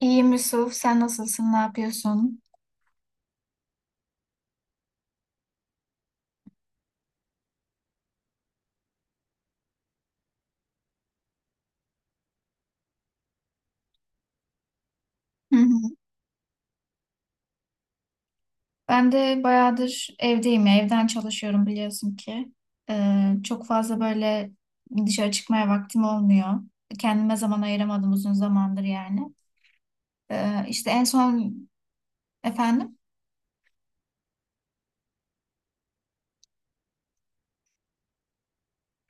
İyiyim Yusuf, sen nasılsın, ne yapıyorsun? Hı hı. Ben de bayağıdır evdeyim, ya, evden çalışıyorum biliyorsun ki. Çok fazla böyle dışarı çıkmaya vaktim olmuyor. Kendime zaman ayıramadım uzun zamandır yani. İşte en son efendim.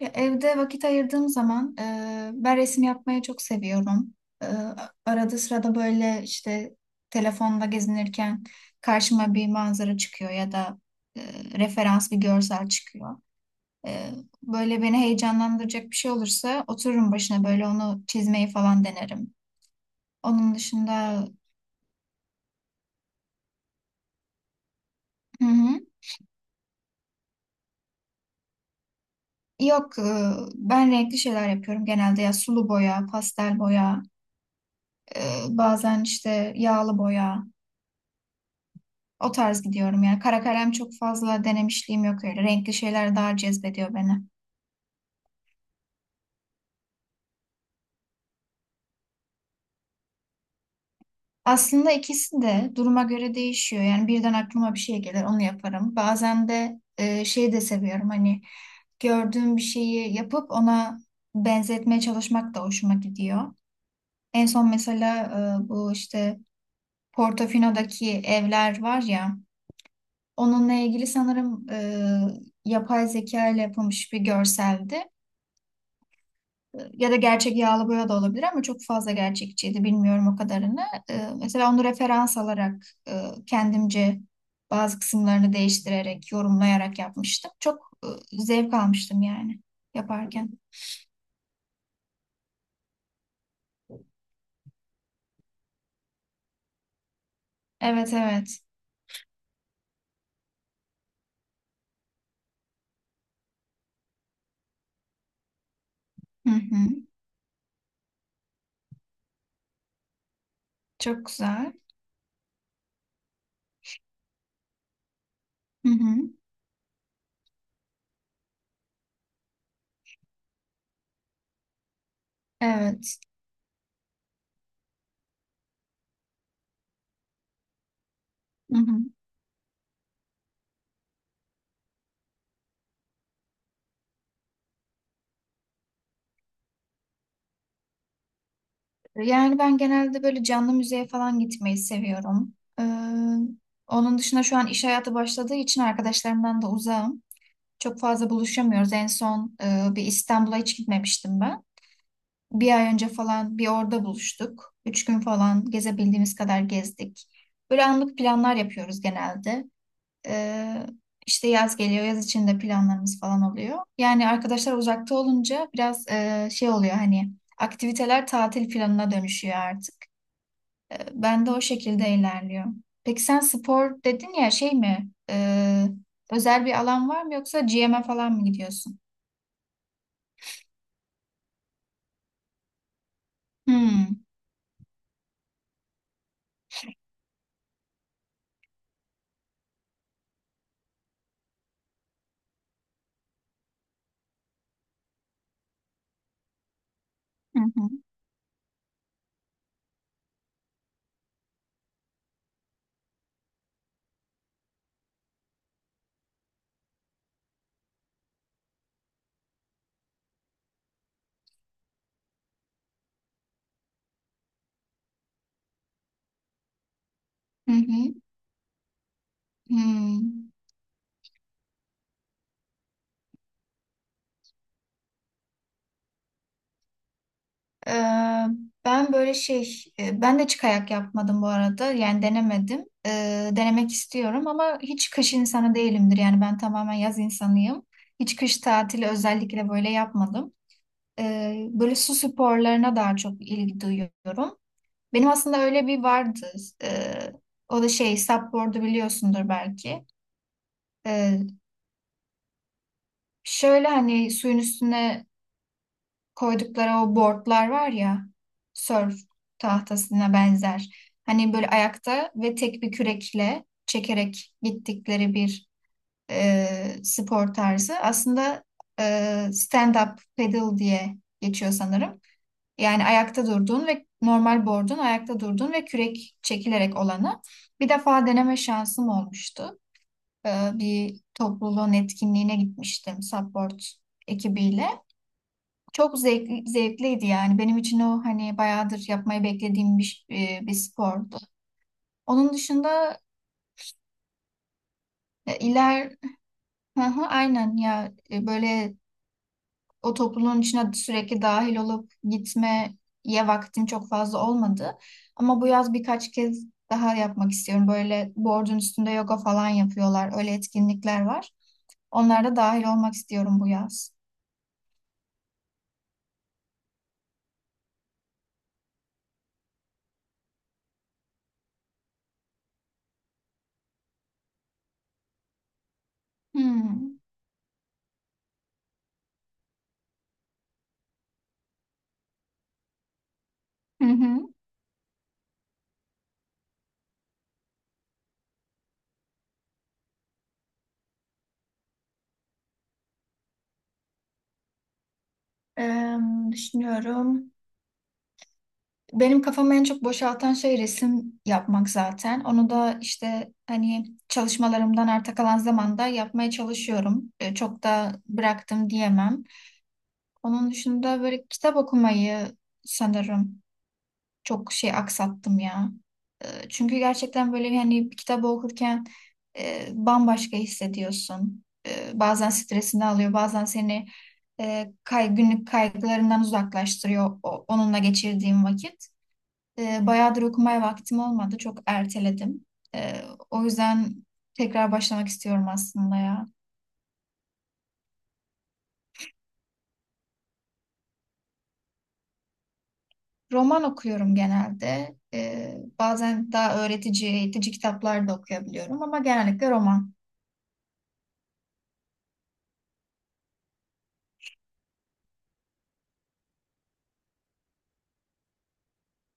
Ya evde vakit ayırdığım zaman ben resim yapmayı çok seviyorum. E, arada sırada böyle işte telefonda gezinirken karşıma bir manzara çıkıyor ya da e, referans bir görsel çıkıyor. E, böyle beni heyecanlandıracak bir şey olursa otururum başına böyle onu çizmeyi falan denerim. Onun dışında. Hı hı. Yok ben renkli şeyler yapıyorum genelde ya sulu boya, pastel boya, e, bazen işte yağlı boya. O tarz gidiyorum yani. Kara kalem çok fazla denemişliğim yok öyle. Renkli şeyler daha cezbediyor beni. Aslında ikisi de duruma göre değişiyor. Yani birden aklıma bir şey gelir, onu yaparım. Bazen de şeyi de seviyorum. Hani gördüğüm bir şeyi yapıp ona benzetmeye çalışmak da hoşuma gidiyor. En son mesela bu işte Portofino'daki evler var ya, onunla ilgili sanırım yapay zeka ile yapılmış bir görseldi. Ya da gerçek yağlı boya da olabilir ama çok fazla gerçekçiydi. Bilmiyorum o kadarını. Mesela onu referans alarak kendimce bazı kısımlarını değiştirerek, yorumlayarak yapmıştım. Çok zevk almıştım yani yaparken. Evet, evet. Hı hı. Çok güzel. Hı hı. Evet. Hı hı. Yani ben genelde böyle canlı müzeye falan gitmeyi seviyorum. Ee, onun dışında şu an iş hayatı başladığı için arkadaşlarımdan da uzağım. Çok fazla buluşamıyoruz. En son bir İstanbul'a hiç gitmemiştim ben. Bir ay önce falan bir orada buluştuk. 3 gün falan gezebildiğimiz kadar gezdik. Böyle anlık planlar yapıyoruz genelde. E, işte yaz geliyor, yaz içinde planlarımız falan oluyor. Yani arkadaşlar uzakta olunca biraz şey oluyor hani aktiviteler tatil planına dönüşüyor artık. Ben de o şekilde ilerliyor. Peki sen spor dedin ya şey mi? Özel bir alan var mı yoksa GM'e falan mı gidiyorsun? Hmm. Hı hı. Hı hı. Hmm. Ee, ben böyle şey, ben de yapmadım bu arada. Yani denemedim. Denemek istiyorum ama hiç kış insanı değilimdir. Yani ben tamamen yaz insanıyım. Hiç kış tatili özellikle böyle yapmadım. Böyle su sporlarına daha çok ilgi duyuyorum. Benim aslında öyle bir vardı. Ee, o da şey, supboard'u biliyorsundur belki. Ee, şöyle hani suyun üstüne koydukları o boardlar var ya surf tahtasına benzer. Hani böyle ayakta ve tek bir kürekle çekerek gittikleri bir spor tarzı. Aslında e, stand-up paddle diye geçiyor sanırım. Yani ayakta durduğun ve normal board'un ayakta durduğun ve kürek çekilerek olanı. Bir defa deneme şansım olmuştu. Bir topluluğun etkinliğine gitmiştim support ekibiyle. Çok zevkliydi yani. Benim için o hani bayağıdır yapmayı beklediğim bir spordu. Onun dışında e, iler Hı hı, aynen ya. Böyle o topluluğun içine sürekli dahil olup gitmeye vaktim çok fazla olmadı. Ama bu yaz birkaç kez daha yapmak istiyorum. Böyle board'un üstünde yoga falan yapıyorlar. Öyle etkinlikler var. Onlara da dahil olmak istiyorum bu yaz. Hmm. Hı hı. Düşünüyorum. Benim kafamı en çok boşaltan şey resim yapmak zaten. Onu da işte hani çalışmalarımdan arta kalan zamanda yapmaya çalışıyorum. Çok da bıraktım diyemem. Onun dışında böyle kitap okumayı sanırım çok şey aksattım ya. Çünkü gerçekten böyle hani bir kitabı okurken bambaşka hissediyorsun. Bazen stresini alıyor, bazen seni günlük kaygılarından uzaklaştırıyor onunla geçirdiğim vakit. Bayağıdır okumaya vaktim olmadı. Çok erteledim. E, o yüzden tekrar başlamak istiyorum aslında ya. Roman okuyorum genelde. Bazen daha öğretici, eğitici kitaplar da okuyabiliyorum ama genellikle roman.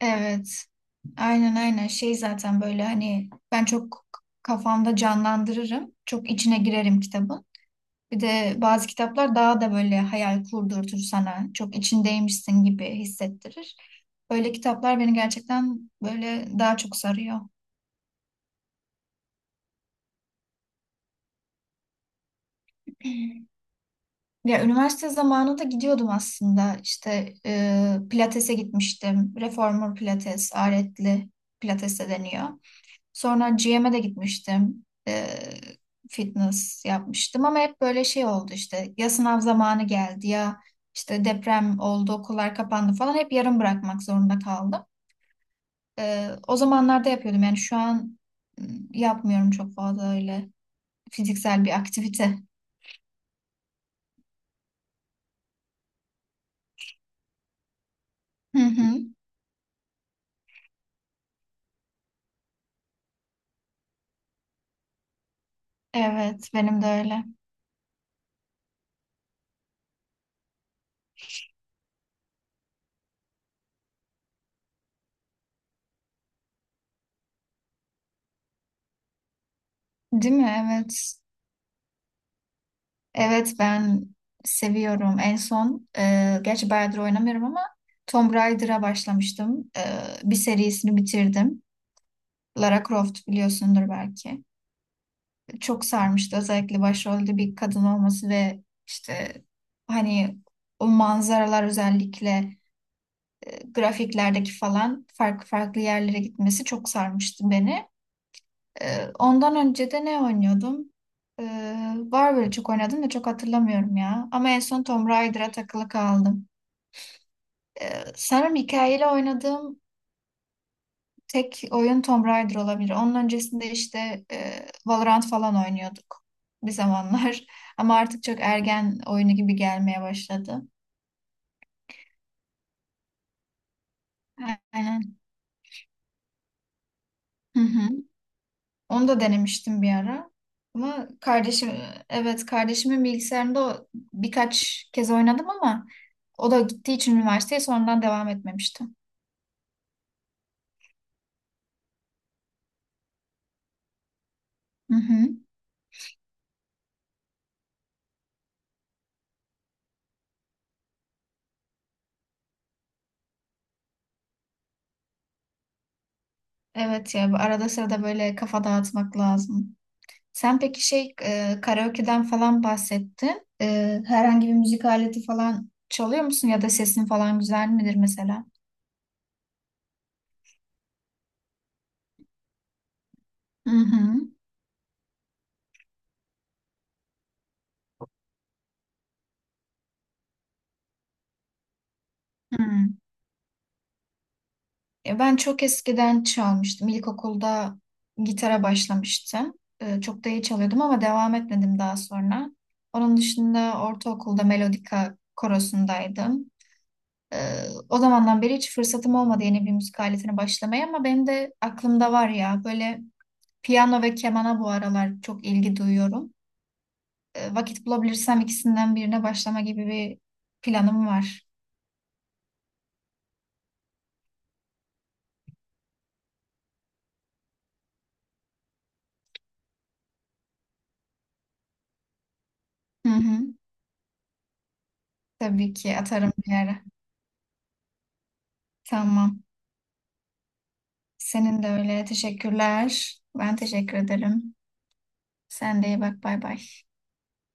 Evet. Aynen, aynen. Şey zaten böyle hani ben çok kafamda canlandırırım. Çok içine girerim kitabın. Bir de bazı kitaplar daha da böyle hayal kurdurtur sana. Çok içindeymişsin gibi hissettirir. Öyle kitaplar beni gerçekten böyle daha çok sarıyor. Ya üniversite zamanı da gidiyordum aslında. İşte pilatese gitmiştim. Reformer pilates, aletli pilates de deniyor. Sonra GM'e de gitmiştim. Fitness yapmıştım ama hep böyle şey oldu işte. Ya sınav zamanı geldi ya işte deprem oldu, okullar kapandı falan. Hep yarım bırakmak zorunda kaldım. O zamanlarda yapıyordum yani şu an yapmıyorum çok fazla öyle fiziksel bir aktivite. Hı hı. Evet, benim de öyle. Değil mi? Evet. Evet ben seviyorum. En son gerçi bayağıdır oynamıyorum ama Tomb Raider'a başlamıştım. Bir serisini bitirdim. Lara Croft biliyorsundur belki. Çok sarmıştı. Özellikle başrolde bir kadın olması ve işte hani o manzaralar özellikle grafiklerdeki falan farklı farklı yerlere gitmesi çok sarmıştı beni. Ondan önce de ne oynuyordum? Var böyle çok oynadım da çok hatırlamıyorum ya. Ama en son Tomb Raider'a takılı kaldım. Sanırım hikayeli oynadığım tek oyun Tomb Raider olabilir. Onun öncesinde işte Valorant falan oynuyorduk bir zamanlar. Ama artık çok ergen oyunu gibi gelmeye başladı. Aynen. Hı hı. Onu da denemiştim bir ara. Ama kardeşim, evet, kardeşimin bilgisayarında o birkaç kez oynadım ama o da gittiği için üniversiteye sonradan devam etmemiştim. Hı hı. Evet ya bu arada sırada böyle kafa dağıtmak lazım. Sen peki karaoke'den falan bahsettin. Herhangi bir müzik aleti falan çalıyor musun ya da sesin falan güzel midir mesela? Hı hı. Hı. Ben çok eskiden çalmıştım. İlkokulda gitara başlamıştım. Çok da iyi çalıyordum ama devam etmedim daha sonra. Onun dışında ortaokulda melodika korosundaydım. E, O zamandan beri hiç fırsatım olmadı yeni bir müzik aletine başlamaya ama benim de aklımda var ya böyle piyano ve kemana bu aralar çok ilgi duyuyorum. Vakit bulabilirsem ikisinden birine başlama gibi bir planım var. Hı hı. Tabii ki atarım bir ara. Tamam. Senin de öyle. Teşekkürler. Ben teşekkür ederim. Sen de iyi bak. Bay bay.